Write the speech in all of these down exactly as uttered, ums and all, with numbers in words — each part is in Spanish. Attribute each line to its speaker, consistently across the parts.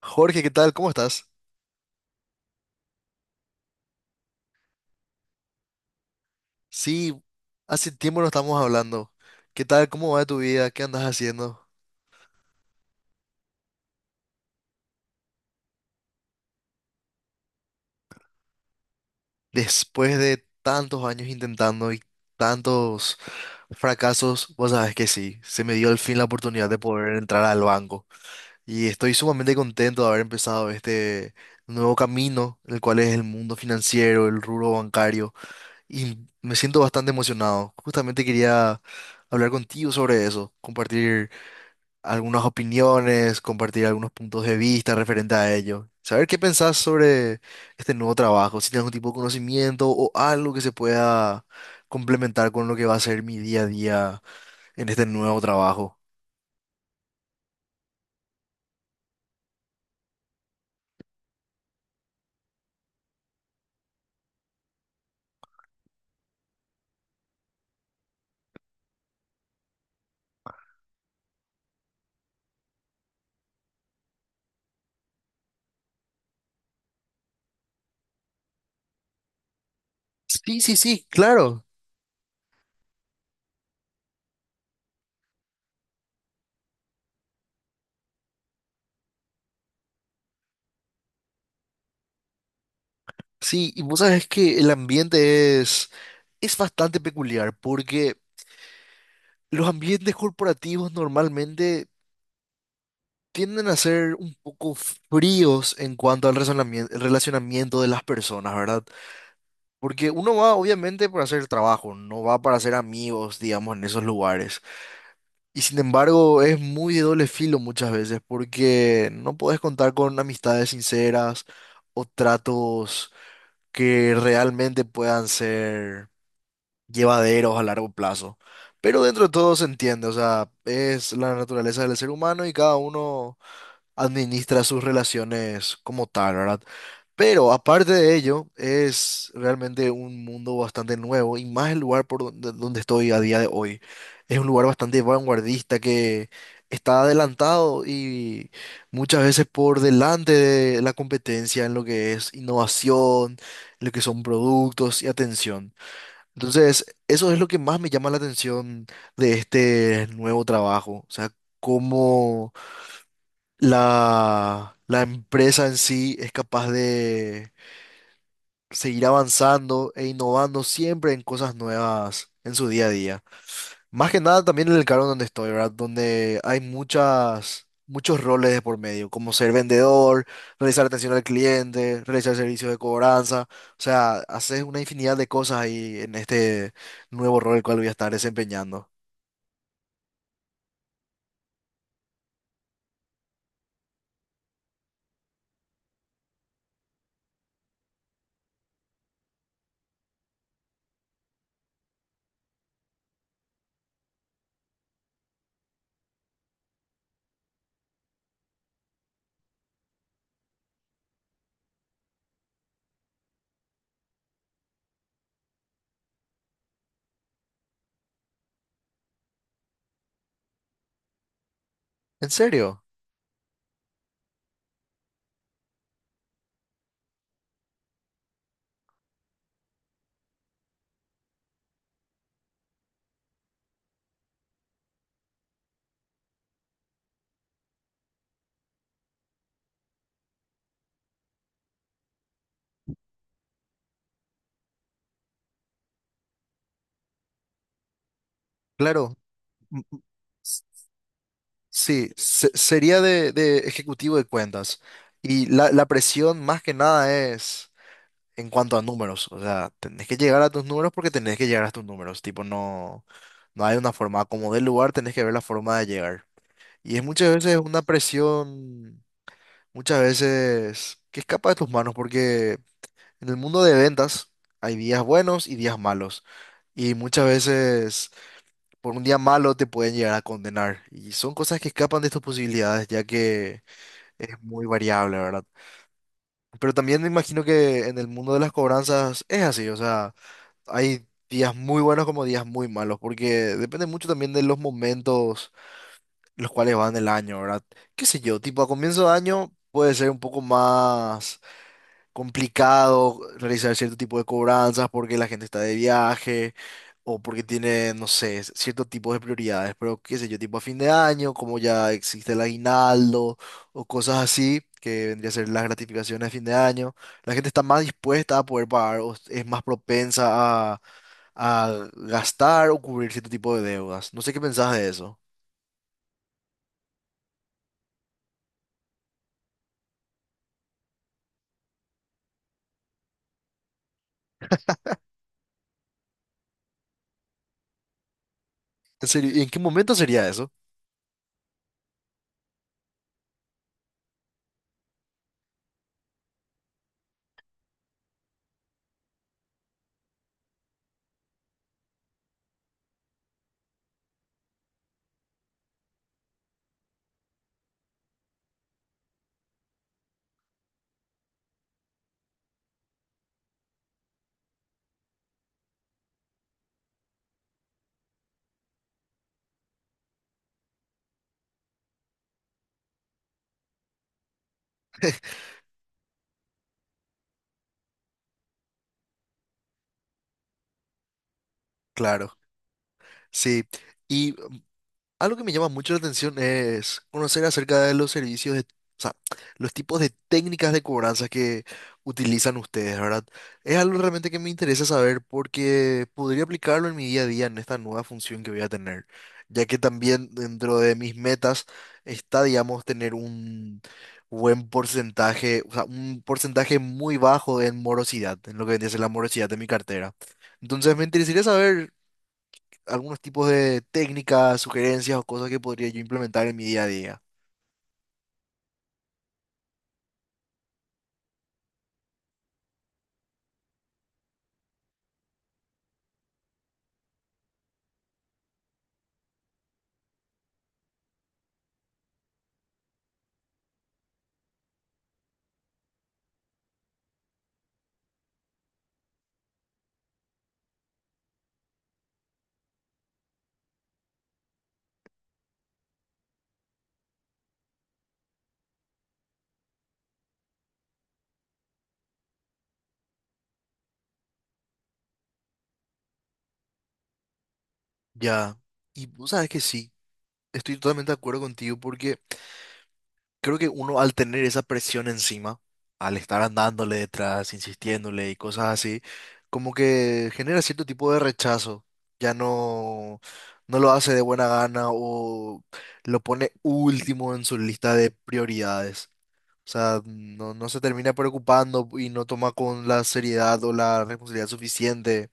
Speaker 1: Jorge, ¿qué tal? ¿Cómo estás? Sí, hace tiempo no estamos hablando. ¿Qué tal? ¿Cómo va tu vida? ¿Qué andas haciendo? Después de tantos años intentando y tantos fracasos, vos sabes que sí, se me dio al fin la oportunidad de poder entrar al banco. Y estoy sumamente contento de haber empezado este nuevo camino, el cual es el mundo financiero, el rubro bancario. Y me siento bastante emocionado. Justamente quería hablar contigo sobre eso, compartir algunas opiniones, compartir algunos puntos de vista referente a ello. Saber qué pensás sobre este nuevo trabajo, si tienes algún tipo de conocimiento o algo que se pueda complementar con lo que va a ser mi día a día en este nuevo trabajo. Sí, sí, sí, claro. Sí, y vos sabes que el ambiente es, es bastante peculiar porque los ambientes corporativos normalmente tienden a ser un poco fríos en cuanto al razonamien- el relacionamiento de las personas, ¿verdad? Porque uno va obviamente para hacer el trabajo, no va para hacer amigos, digamos, en esos lugares. Y sin embargo, es muy de doble filo muchas veces, porque no podés contar con amistades sinceras o tratos que realmente puedan ser llevaderos a largo plazo. Pero dentro de todo se entiende, o sea, es la naturaleza del ser humano y cada uno administra sus relaciones como tal, ¿verdad? Pero aparte de ello, es realmente un mundo bastante nuevo y más el lugar por donde, donde estoy a día de hoy. Es un lugar bastante vanguardista que está adelantado y muchas veces por delante de la competencia en lo que es innovación, en lo que son productos y atención. Entonces, eso es lo que más me llama la atención de este nuevo trabajo. O sea, cómo la, la empresa en sí es capaz de seguir avanzando e innovando siempre en cosas nuevas en su día a día. Más que nada también en el cargo donde estoy, ¿verdad? Donde hay muchas, muchos roles de por medio, como ser vendedor, realizar atención al cliente, realizar servicios de cobranza. O sea, haces una infinidad de cosas ahí en este nuevo rol el cual voy a estar desempeñando. ¿En serio? Claro. m- Sí, se- sería de, de ejecutivo de cuentas. Y la, la presión más que nada es en cuanto a números. O sea, tenés que llegar a tus números porque tenés que llegar a tus números. Tipo, no, no hay una forma. Como del lugar, tenés que ver la forma de llegar. Y es muchas veces una presión, muchas veces que escapa de tus manos porque en el mundo de ventas hay días buenos y días malos. Y muchas veces por un día malo te pueden llegar a condenar. Y son cosas que escapan de tus posibilidades, ya que es muy variable, ¿verdad? Pero también me imagino que en el mundo de las cobranzas es así, o sea, hay días muy buenos como días muy malos, porque depende mucho también de los momentos los cuales van el año, ¿verdad? ¿Qué sé yo? Tipo, a comienzo de año puede ser un poco más complicado realizar cierto tipo de cobranzas porque la gente está de viaje o porque tiene, no sé, cierto tipo de prioridades, pero qué sé yo, tipo a fin de año, como ya existe el aguinaldo o cosas así, que vendría a ser las gratificaciones de fin de año, la gente está más dispuesta a poder pagar o es más propensa a, a gastar o cubrir cierto tipo de deudas. No sé qué pensás de eso. En serio, ¿y en qué momento sería eso? Claro, sí. Y algo que me llama mucho la atención es conocer acerca de los servicios de, o sea, los tipos de técnicas de cobranza que utilizan ustedes, ¿verdad? Es algo realmente que me interesa saber porque podría aplicarlo en mi día a día en esta nueva función que voy a tener, ya que también dentro de mis metas está, digamos, tener un buen porcentaje, o sea, un porcentaje muy bajo en morosidad, en lo que vendría a ser la morosidad de mi cartera. Entonces me interesaría saber algunos tipos de técnicas, sugerencias o cosas que podría yo implementar en mi día a día. Ya. Y vos sabes que sí, estoy totalmente de acuerdo contigo porque creo que uno al tener esa presión encima, al estar andándole detrás, insistiéndole y cosas así, como que genera cierto tipo de rechazo. Ya no, no lo hace de buena gana o lo pone último en su lista de prioridades. O sea, no, no se termina preocupando y no toma con la seriedad o la responsabilidad suficiente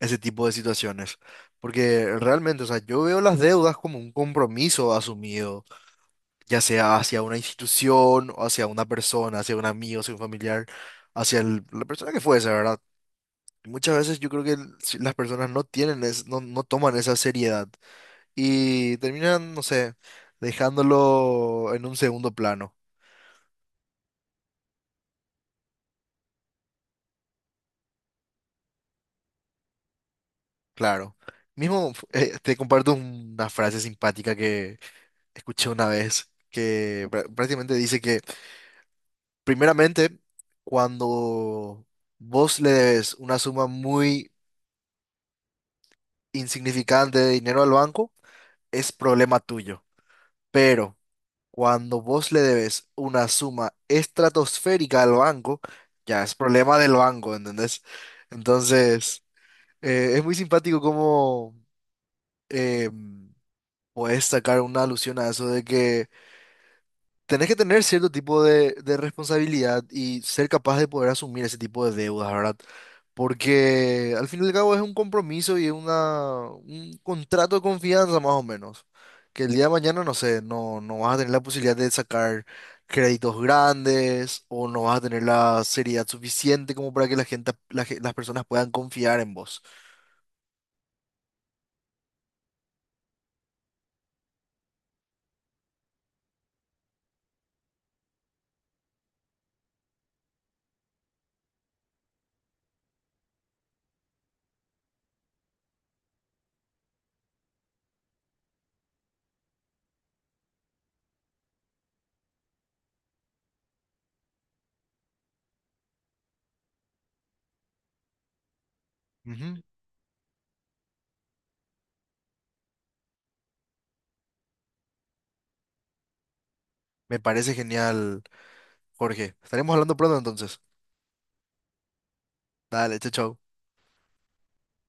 Speaker 1: ese tipo de situaciones. Porque realmente, o sea, yo veo las deudas como un compromiso asumido, ya sea hacia una institución o hacia una persona, hacia un amigo, hacia un familiar, hacia el- la persona que fuese, ¿verdad? Muchas veces yo creo que el- si las personas no tienen, es- no, no toman esa seriedad y terminan, no sé, dejándolo en un segundo plano. Claro. Mismo, eh, te comparto una frase simpática que escuché una vez, que prá- prácticamente dice que, primeramente, cuando vos le debes una suma muy insignificante de dinero al banco, es problema tuyo. Pero cuando vos le debes una suma estratosférica al banco, ya es problema del banco, ¿entendés? Entonces, eh, es muy simpático como puedes sacar una alusión a eso de que tenés que tener cierto tipo de de responsabilidad y ser capaz de poder asumir ese tipo de deudas, ¿verdad? Porque al fin y al cabo es un compromiso y es una, un contrato de confianza más o menos. Que el día de mañana, no sé, no, no vas a tener la posibilidad de sacar créditos grandes o no vas a tener la seriedad suficiente como para que la gente, la ge- las personas puedan confiar en vos. Ujú. Me parece genial, Jorge. Estaremos hablando pronto entonces. Dale, chao, chao.